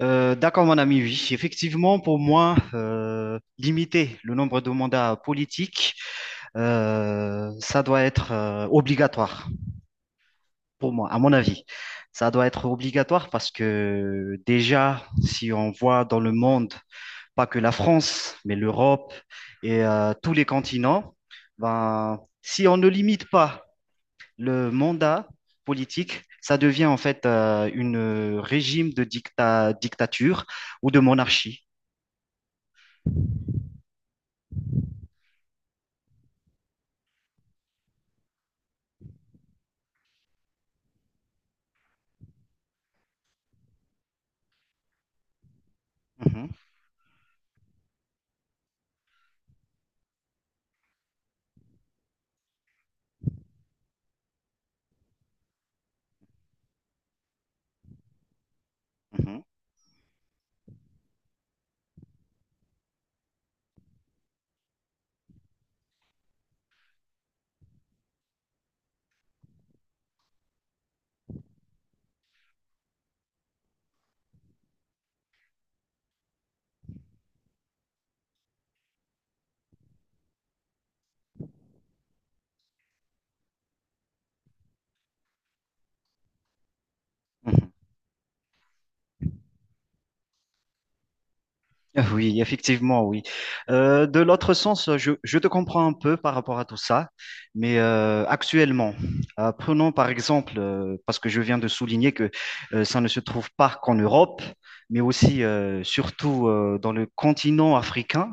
D'accord, mon ami, oui. Effectivement, pour moi, limiter le nombre de mandats politiques, ça doit être obligatoire, pour moi, à mon avis. Ça doit être obligatoire parce que déjà, si on voit dans le monde, pas que la France, mais l'Europe et tous les continents, ben, si on ne limite pas le mandat politique, ça devient en fait une régime de dictature ou de monarchie. Mhm, mhm, mhm. Ah oui, effectivement, oui. De l'autre sens, je te comprends un peu par rapport à tout ça, mais actuellement, prenons par exemple, parce que je viens de souligner que ça ne se trouve pas qu'en Europe, mais aussi, surtout dans le continent africain.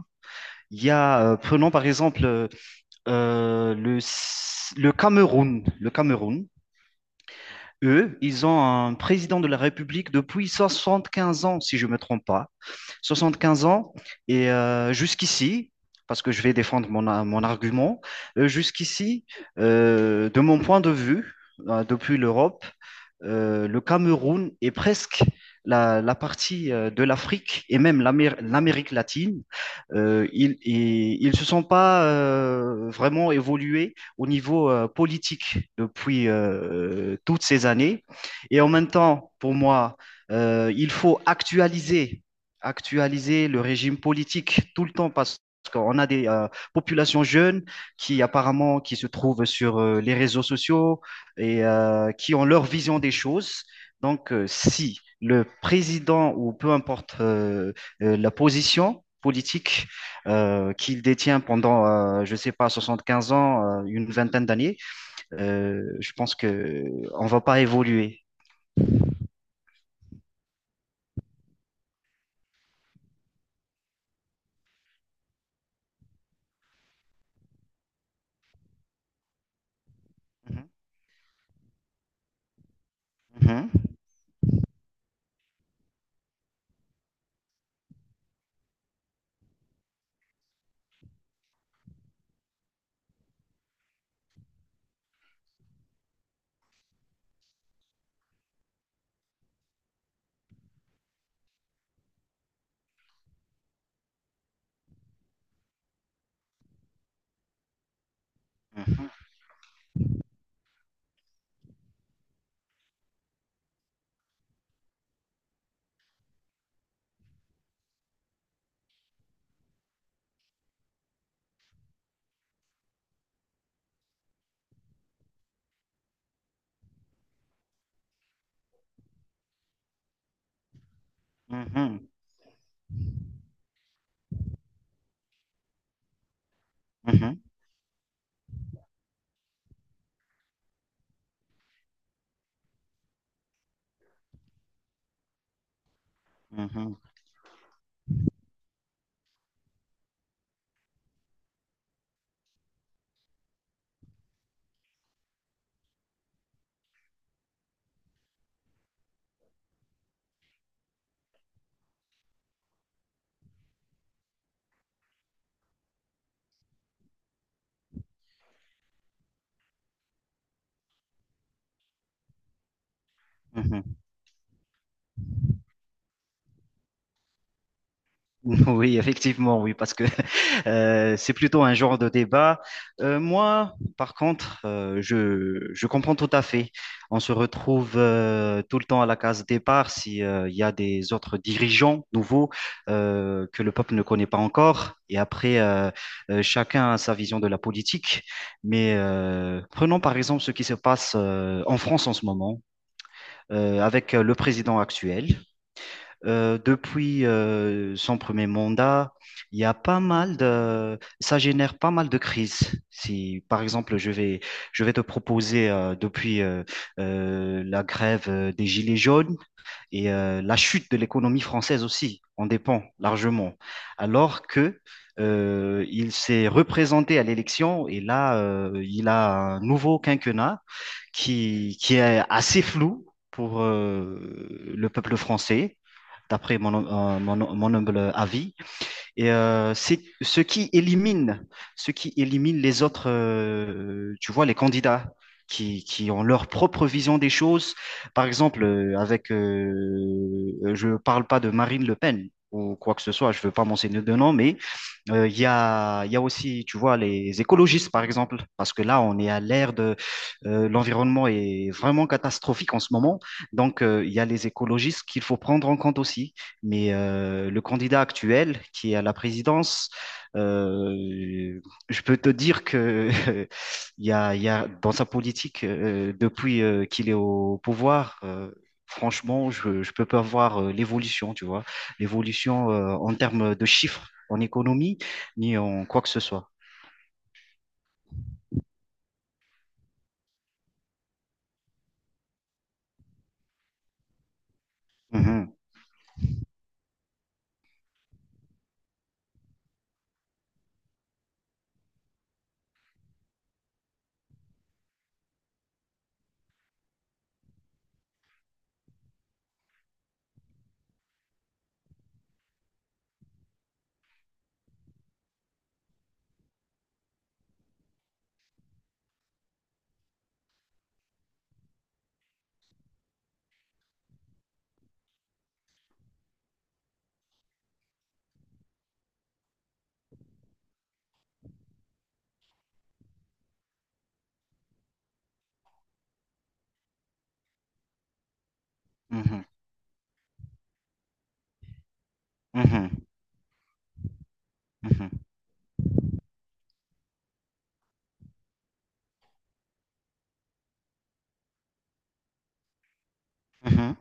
Prenons par exemple euh, le, le Cameroun. Le Cameroun. Eux, ils ont un président de la République depuis 75 ans, si je ne me trompe pas. 75 ans, et jusqu'ici, parce que je vais défendre mon argument, jusqu'ici, de mon point de vue, depuis l'Europe, le Cameroun est presque la partie de l'Afrique et même l'Amérique latine. Ils se sont pas vraiment évolués au niveau politique depuis toutes ces années. Et en même temps, pour moi, il faut actualiser le régime politique tout le temps parce qu'on a des populations jeunes qui apparemment qui se trouvent sur les réseaux sociaux et qui ont leur vision des choses. Donc, si le président ou peu importe la position politique qu'il détient pendant, je sais pas, 75 ans, une vingtaine d'années, je pense que on va pas évoluer. Mhm, mhm, mhm, mhm, mhm, mhm, mhm. Mhm. Oui, effectivement, oui, parce que c'est plutôt un genre de débat. Moi, par contre, je comprends tout à fait. On se retrouve tout le temps à la case départ si il y a des autres dirigeants nouveaux que le peuple ne connaît pas encore. Et après, chacun a sa vision de la politique. Mais prenons par exemple ce qui se passe en France en ce moment avec le président actuel. Depuis son premier mandat, il y a pas mal de, ça génère pas mal de crises. Si, par exemple, je vais te proposer depuis la grève des Gilets jaunes, et la chute de l'économie française aussi en dépend largement. Alors que il s'est représenté à l'élection et là, il a un nouveau quinquennat qui est assez flou pour le peuple français, d'après mon humble avis. Et c'est ce qui ce qui élimine les autres, tu vois, les candidats qui ont leur propre vision des choses. Par exemple, je parle pas de Marine Le Pen ou quoi que ce soit, je veux pas mentionner de nom, mais il y a aussi, tu vois, les écologistes, par exemple, parce que là, on est à l'ère de l'environnement est vraiment catastrophique en ce moment. Donc, il y a les écologistes qu'il faut prendre en compte aussi. Mais le candidat actuel qui est à la présidence, euh, je peux te dire que il y a dans sa politique depuis qu'il est au pouvoir. Franchement, je peux pas voir l'évolution, tu vois, l'évolution en termes de chiffres, en économie, ni en quoi que ce soit. Mhm, mhm, mhm, mhm, mhm,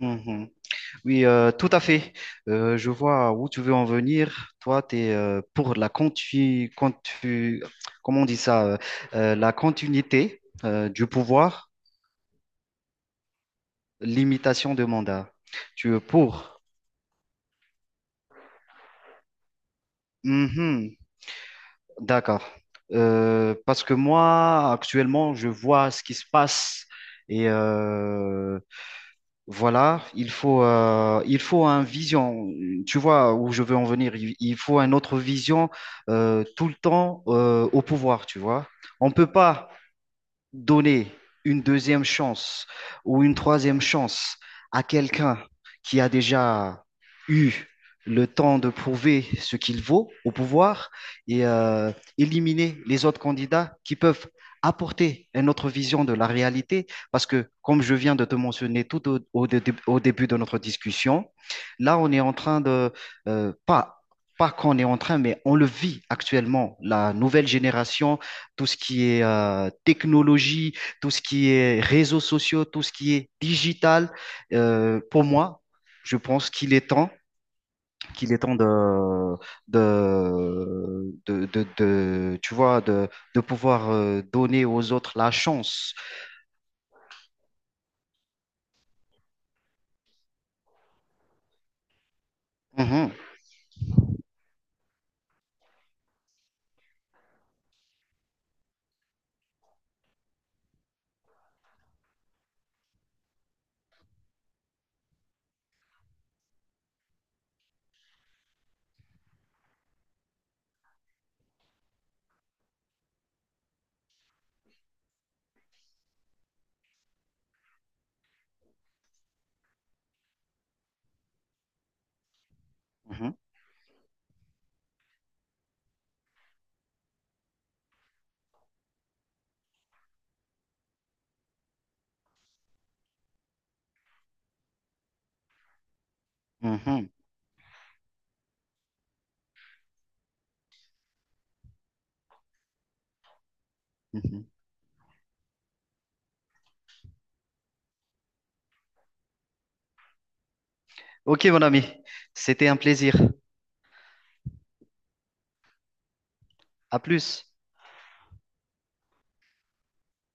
mhm, mhm. Oui, tout à fait. Je vois où tu veux en venir. Toi, tu es pour la comment on dit ça, la continuité du pouvoir, limitation de mandat. Tu es pour. Mhm, d'accord. Parce que moi, actuellement, je vois ce qui se passe et voilà, il faut un vision. Tu vois où je veux en venir. Il faut un autre vision tout le temps au pouvoir, tu vois. On peut pas donner une deuxième chance ou une troisième chance à quelqu'un qui a déjà eu le temps de prouver ce qu'il vaut au pouvoir et éliminer les autres candidats qui peuvent apporter une autre vision de la réalité. Parce que, comme je viens de te mentionner tout au, au dé- au début de notre discussion, là, on est en train de, pas, pas qu'on est en train, mais on le vit actuellement, la nouvelle génération tout ce qui est technologie, tout ce qui est réseaux sociaux, tout ce qui est digital. Pour moi, je pense qu'il est temps de, tu vois, de pouvoir donner aux autres la chance. Mhm, mhm, mhm, mhm. Ok, mon ami, c'était un plaisir. À plus.